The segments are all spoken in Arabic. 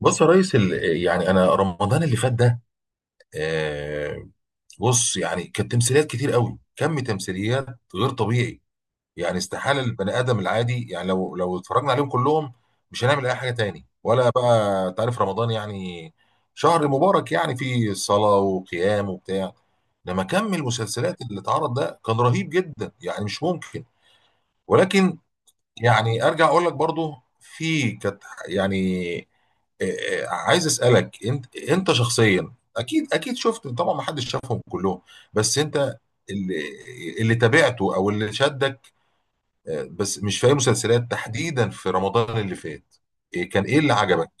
بص يا ريس انا رمضان اللي فات ده. آه، بص يعني كانت تمثيليات كتير قوي، كم تمثيليات غير طبيعي. يعني استحالة البني ادم العادي، يعني لو اتفرجنا عليهم كلهم مش هنعمل اي حاجة تاني. ولا بقى، تعرف رمضان يعني شهر مبارك، يعني فيه صلاة وقيام وبتاع. لما كم المسلسلات اللي اتعرض ده، كان رهيب جدا يعني، مش ممكن. ولكن يعني ارجع اقول لك برضو في كانت يعني. عايز اسالك، انت شخصيا، اكيد اكيد شفت طبعا، ما حدش شافهم كلهم، بس انت اللي اللي تابعته او اللي شدك. بس مش في اي مسلسلات تحديدا في رمضان اللي فات. كان ايه اللي عجبك؟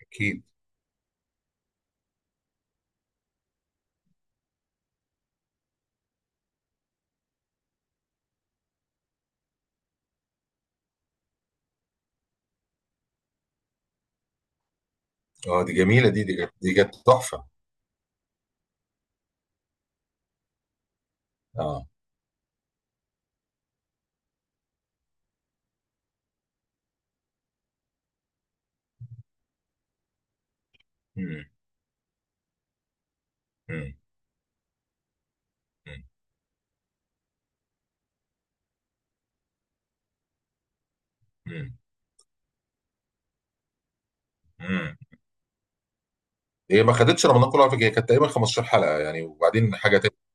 اكيد. اه، دي جميله، دي كانت تحفه. اه. مم. مم. مم. مم. مم. هي ما خدتش رمضان كله على فكره، هي كانت تقريبا 15 حلقه يعني، وبعدين حاجه تانية.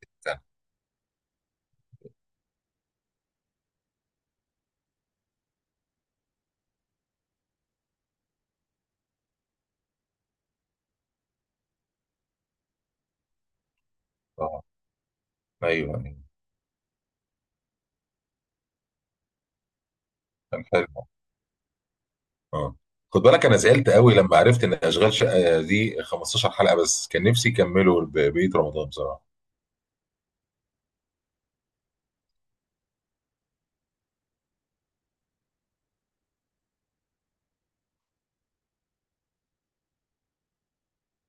اه، ايوه، أيوة. كان حلو. اه. خد بالك، انا زعلت قوي لما عرفت ان اشغال شقه دي 15 حلقه بس، كان نفسي يكملوا بقيه رمضان بصراحه.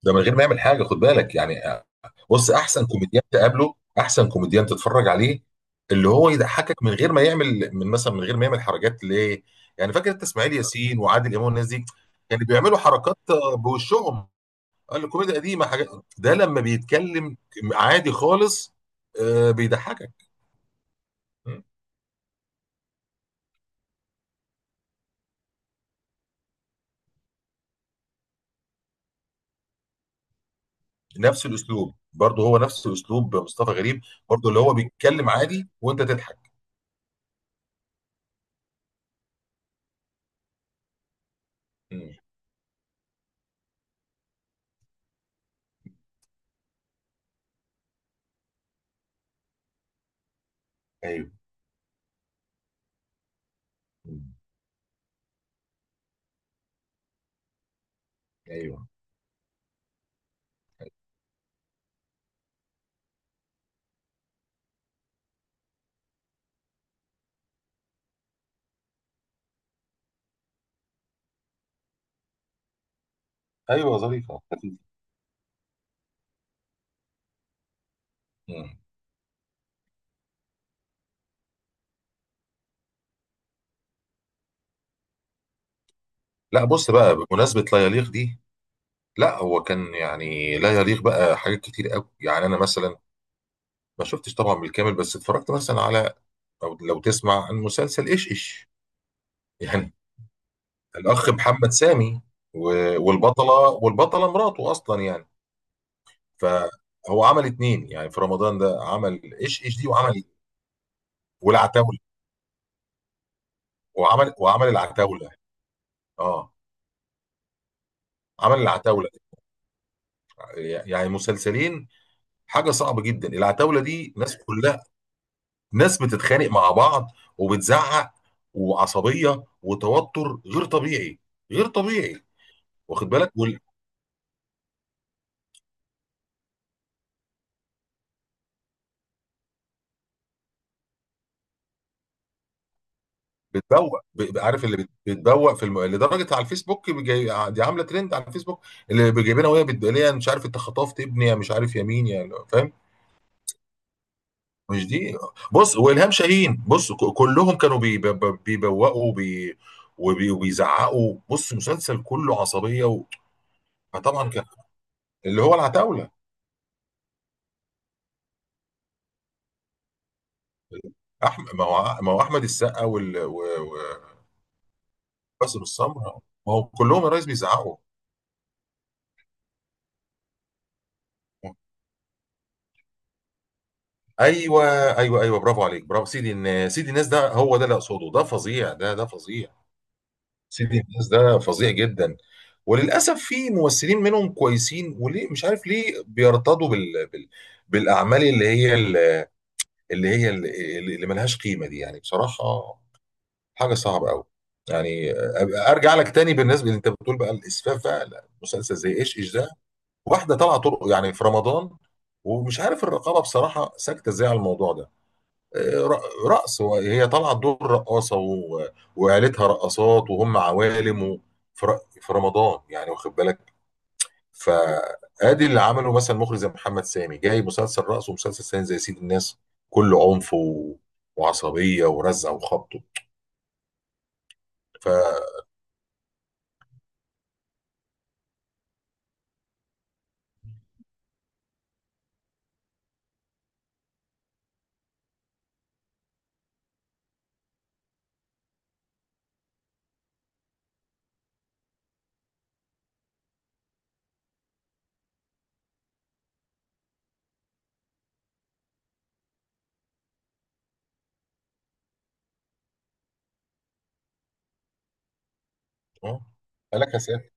ده من غير ما يعمل حاجه، خد بالك يعني. بص، احسن كوميديان تقابله، احسن كوميديان تتفرج عليه، اللي هو يضحكك من غير ما يعمل، من مثلا من غير ما يعمل حركات ليه. يعني فاكر انت اسماعيل ياسين وعادل امام والناس دي كانوا بيعملوا حركات بوشهم. قال له كوميديا قديمه، حاجات ده لما بيتكلم عادي خالص، بيضحكك. نفس الاسلوب برضه، هو نفس اسلوب مصطفى غريب برضه، اللي هو بيتكلم عادي وانت تضحك. مم. ايوه. مم. ايوه، ايوه ظريفه خفيفه. مم. لا، بص بقى، بمناسبه لا يليق دي، لا هو كان يعني لا يليق بقى حاجات كتير قوي. يعني انا مثلا ما شفتش طبعا بالكامل، بس اتفرجت مثلا على، او لو تسمع عن مسلسل ايش ايش يعني الاخ محمد سامي، والبطله مراته اصلا يعني. فهو عمل اتنين يعني في رمضان ده، عمل ايش ايش دي وعمل والعتاوله وعمل وعمل العتاوله اه عمل العتاوله، يعني مسلسلين. حاجه صعبه جدا، العتاوله دي ناس كلها، ناس بتتخانق مع بعض وبتزعق وعصبيه وتوتر غير طبيعي، غير طبيعي. واخد بالك؟ بتبوق، عارف اللي بتبوق في لدرجه على الفيسبوك، دي عامله ترند على الفيسبوك، اللي جايبينها وهي بتقول لها مش عارف انت خطفت ابني، يا مش عارف يا مين، يا فاهم. مش دي. بص، والهام شاهين، بص كلهم كانوا بيبوقوا وبيزعقوا. بص، مسلسل كله عصبيه. و... فطبعا كان اللي هو العتاوله، احمد، ما هو احمد السقا وباسم السمره، ما هو كلهم يا ريس بيزعقوا. ايوه، ايوه، ايوه، برافو عليك، برافو، سيدي الناس، سيدي الناس ده هو ده اللي اقصده، ده فظيع، ده فظيع. سيدي الناس ده فظيع جدا. وللاسف في ممثلين منهم كويسين، وليه مش عارف، ليه بيرتضوا بالاعمال اللي هي ال- اللي ملهاش قيمه دي يعني بصراحه. حاجه صعبه قوي يعني. أبقى ارجع لك تاني بالنسبه اللي انت بتقول بقى الاسفاف بقى، لا، مسلسل زي ايش ايش ده واحده طالعه طرق يعني في رمضان، ومش عارف الرقابه بصراحه ساكته ازاي على الموضوع ده. رقص، هي طالعه دور رقاصه وعيلتها رقصات وهم عوالم، في رمضان يعني، واخد بالك؟ فادي اللي عمله مثلا مخرج زي محمد سامي، جاي مسلسل رقص ومسلسل ثاني زي سيد الناس كله عنف وعصبيه ورزع وخبط. ف آه. قال لك هسافر،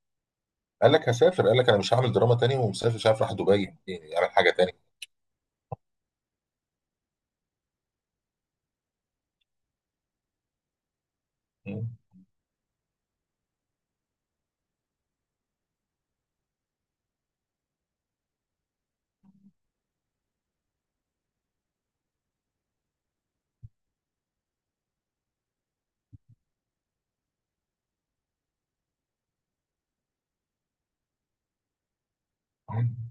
قال لك هسافر. قال لك انا مش هعمل دراما تاني ومسافر، مش عارف، راح دبي يعني يعمل حاجه تاني. مم. مم.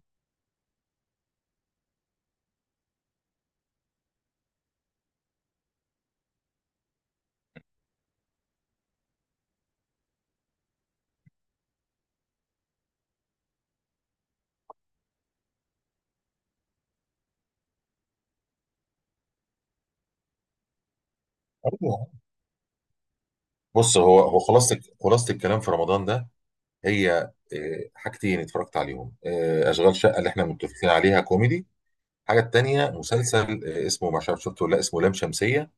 أيوة. بص، هو خلاصه الكلام في رمضان ده، هي حاجتين اتفرجت عليهم. اشغال شقه اللي احنا متفقين عليها كوميدي، الحاجه التانيه مسلسل اسمه، ما عارف شفته ولا لأ، اسمه لام شمسيه.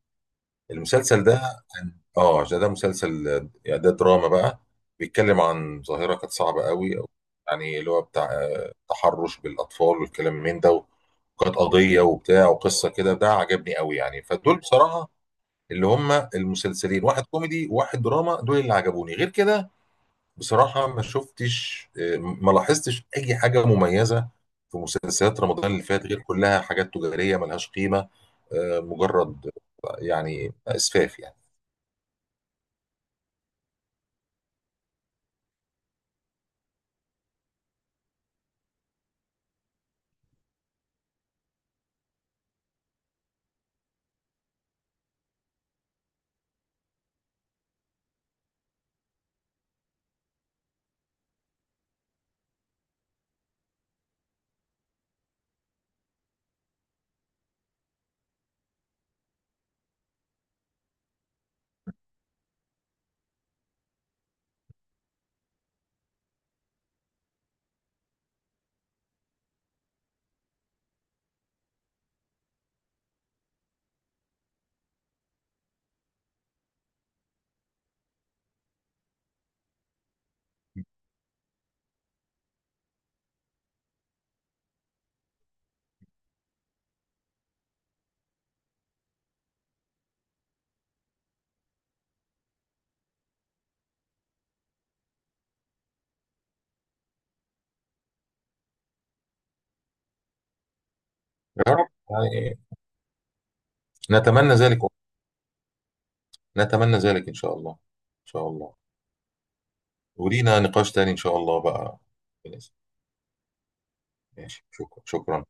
المسلسل ده كان ده مسلسل يعني ده دراما بقى، بيتكلم عن ظاهره كانت صعبه قوي، أو يعني اللي هو بتاع تحرش بالاطفال والكلام من ده، وكانت قضيه وبتاع وقصه كده، ده عجبني قوي يعني. فدول بصراحه اللي هم المسلسلين، واحد كوميدي وواحد دراما، دول اللي عجبوني غير كده. بصراحة ما شفتش آه، ما لاحظتش أي حاجة مميزة في مسلسلات رمضان اللي فات، غير كلها حاجات تجارية ملهاش قيمة، مجرد يعني إسفاف يعني. يا رب يعني. نتمنى ذلك. نتمنى ذلك إن شاء الله، إن شاء الله. ولينا نقاش تاني إن شاء الله بقى. ماشي، شكرا، شكرا.